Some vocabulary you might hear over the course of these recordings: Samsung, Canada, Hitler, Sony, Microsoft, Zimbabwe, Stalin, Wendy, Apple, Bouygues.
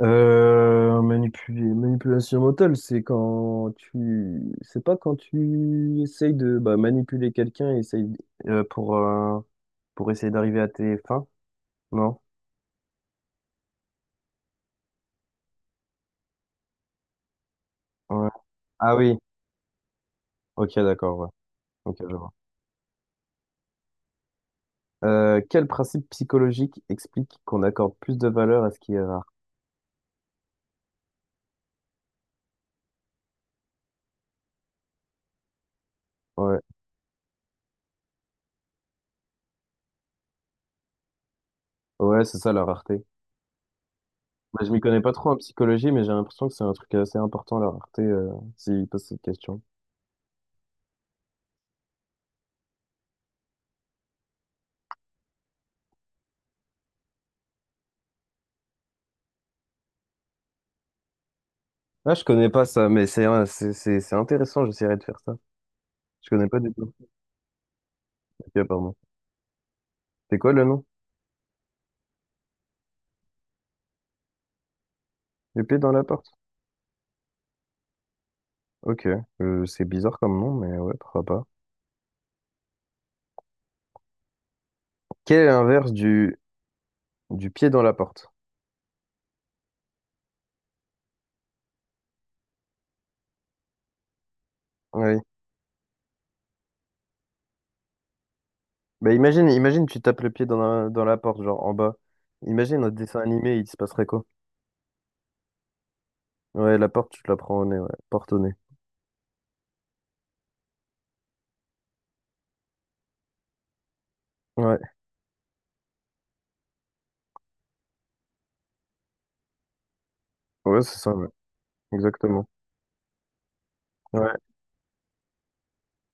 Manipuler, manipulation mentale, c'est quand tu, c'est pas quand tu essayes de manipuler quelqu'un, et essaye euh, pour euh, pour essayer d'arriver à tes fins, non? Ouais. Ah oui, ok, d'accord, ouais. Ok, je vois. Quel principe psychologique explique qu'on accorde plus de valeur à ce qui est rare? Ouais, ouais, c'est ça la rareté. Bah, je m'y connais pas trop en psychologie, mais j'ai l'impression que c'est un truc assez important la rareté, s'il pose cette question. Ah, je connais pas ça, mais c'est intéressant. J'essaierai de faire ça. Je connais pas du tout. Ok, pardon. C'est quoi le nom? Épée dans la porte? Ok, c'est bizarre comme nom, mais ouais, pourquoi pas. Quel est l'inverse du pied dans la porte? Oui. Bah imagine tu tapes le pied dans la porte, genre en bas. Imagine un dessin animé, il se passerait quoi? Ouais, la porte, tu te la prends au nez, ouais. Porte au nez. Ouais, ouais, c'est ça, ouais. Exactement. Ouais,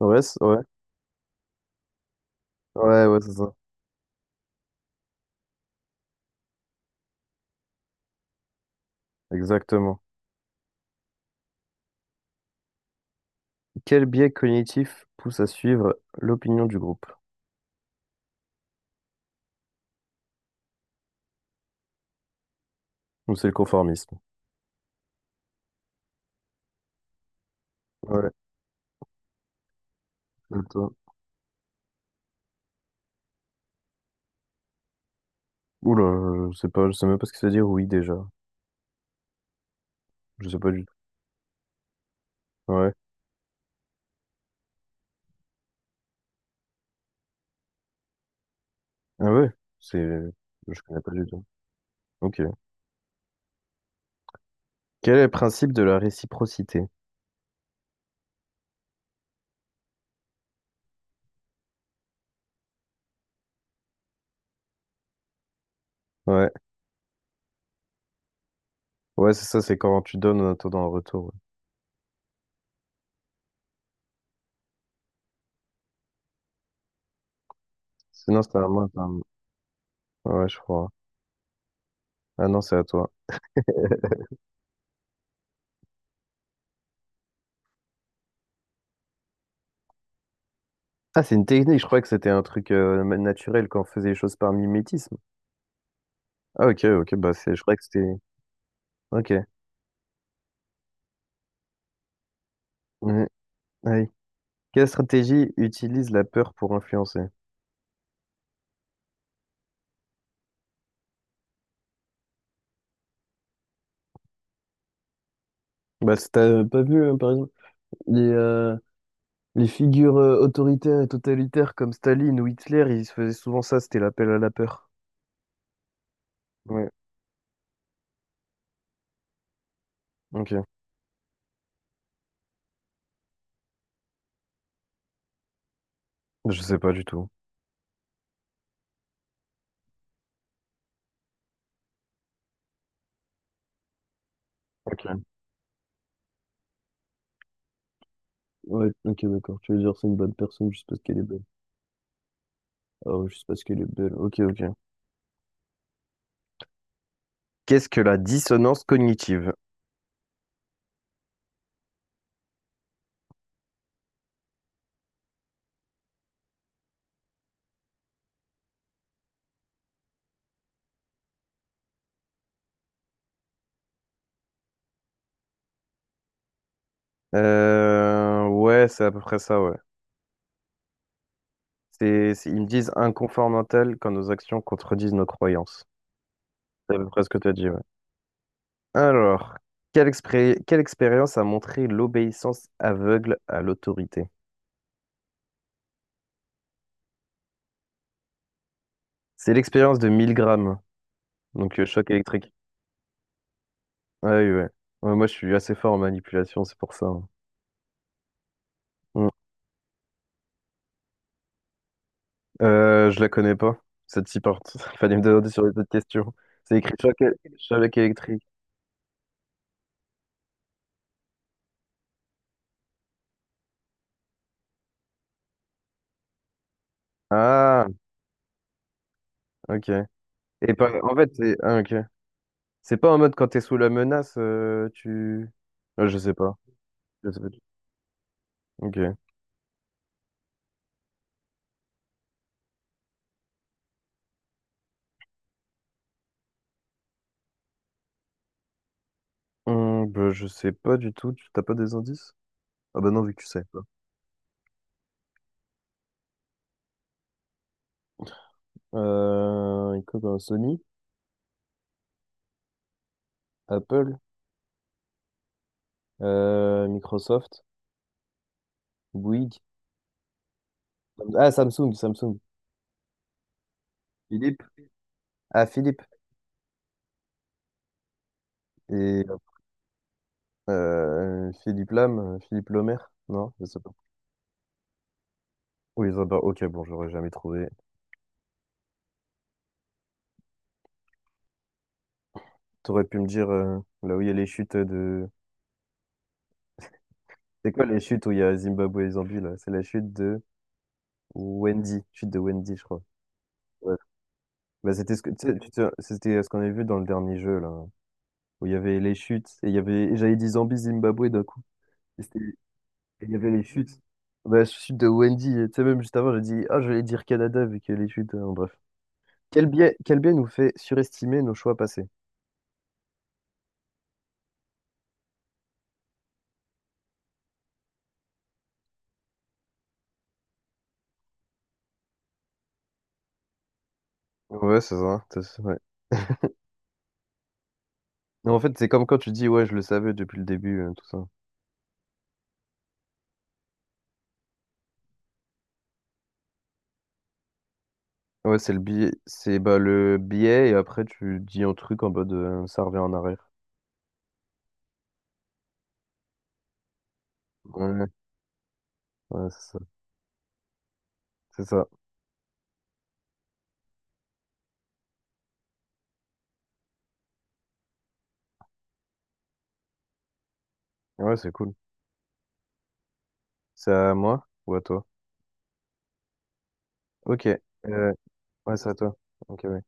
ouais, ouais, ouais, c'est ça. Exactement. Quel biais cognitif pousse à suivre l'opinion du groupe? Ou c'est le conformisme? Ouais. Oula, je sais pas, je sais même pas ce que ça veut dire oui déjà. Je sais pas du tout. Ouais. Ah ouais, c'est. Je connais pas du tout. Ok. Quel est le principe de la réciprocité? Ouais. Ouais, c'est ça, c'est quand tu donnes en attendant un retour, ouais. Sinon, c'était à moi. C'est à moi. Ouais, je crois. Ah non, c'est à toi. Ah, c'est une technique, je croyais que c'était un truc naturel quand on faisait les choses par mimétisme. Ah ok, ok, bah c'est. Je croyais que c'était. Ok. Mhm. Ouais. Quelle stratégie utilise la peur pour influencer? Bah, t'as pas vu, hein, par exemple, les, euh, les figures autoritaires et totalitaires comme Staline ou Hitler, ils se faisaient souvent ça, c'était l'appel à la peur. Ouais, ok. Je sais pas du tout. Ok. Ouais, ok, d'accord. Tu veux dire c'est une bonne personne juste parce qu'elle est belle. Ah ouais, juste parce qu'elle est belle. Ok, ok. Qu'est-ce que la dissonance cognitive? Ouais, c'est à peu près ça, ouais. Ils me disent inconfort mental quand nos actions contredisent nos croyances. C'est à peu près ce que tu as dit, ouais. Alors, quelle expérience a montré l'obéissance aveugle à l'autorité? C'est l'expérience de 1000 grammes, donc choc électrique. Ah oui, ouais. Ouais, moi, je suis assez fort en manipulation, c'est pour ça, hein. Mm. Je la connais pas, cette six portes. Il fallait me demander sur les autres questions. C'est écrit choc, é- choc électrique. Ah, ok. Et pas, en fait, c'est ah, ok. C'est pas en mode quand t'es sous la menace, tu. Ah, je sais pas. Je sais pas du- Ok. Bah, je sais pas du tout. Tu t'as pas des indices? Ah bah non, vu que tu sais pas. Écoute, Sony, Apple, Microsoft, Bouygues. Ah, Samsung, Samsung. Philippe? Ah, Philippe. Et Philippe Lam, Philippe Lomer. Non, je sais pas. Oui, ça va. Ok, bon, j'aurais jamais trouvé. T'aurais pu me dire là où il y a les chutes de. C'est quoi les chutes où il y a Zimbabwe et Zambie, là? C'est la chute de Wendy. Chute de Wendy, je crois. Ouais. Bah, c'était ce que, tu sais, tu te- c'était ce qu'on avait vu dans le dernier jeu, là. Où il y avait les chutes. Et il y avait. J'avais dit Zambie, Zimbabwe d'un coup. Et c'était- et il y avait les chutes. Bah, chute de Wendy. Tu sais, même juste avant, j'ai dit, ah, je vais dire Canada, vu qu'il y a les chutes, hein. Bref. Quel biais nous fait surestimer nos choix passés? C'est ça, ouais. Mais en fait, c'est comme quand tu dis, ouais, je le savais depuis le début, tout ça. Ouais, c'est le biais, c'est bah, le biais, et après, tu dis un truc en mode, ça revient en arrière. Ouais, ouais, c'est ça. C'est ça. Ouais, c'est cool. C'est à moi ou à toi? Ok. Euh, ouais, c'est à toi. Ok, ouais.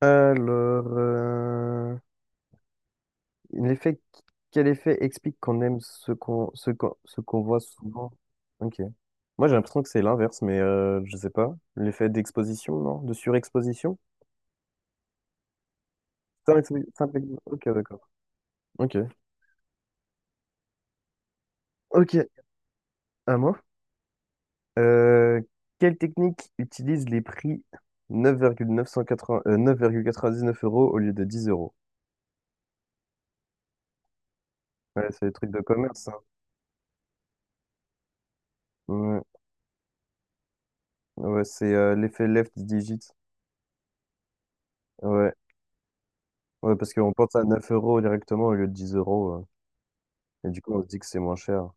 Alors, l'effet, quel effet explique qu'on aime ce qu'on voit souvent? Ok. Moi, j'ai l'impression que c'est l'inverse, mais je sais pas. L'effet d'exposition, non? De surexposition? Ok, d'accord. Ok. Ok, à moi. Euh, Quelle technique utilise les prix 9,980, 9,99 € au lieu de 10 euros? Ouais, c'est des trucs de commerce, ça. Ouais. Ouais, c'est l'effet left digit. Ouais. Ouais, parce qu'on pense à 9 € directement au lieu de 10 euros, euh, et du coup, on se dit que c'est moins cher.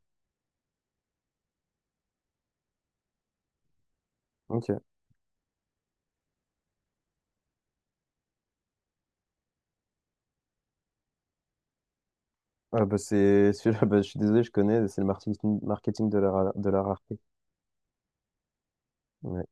Ok. Ah bah c'est celui-là, bah je suis désolé, je connais, c'est le marketing, de la rareté. Mais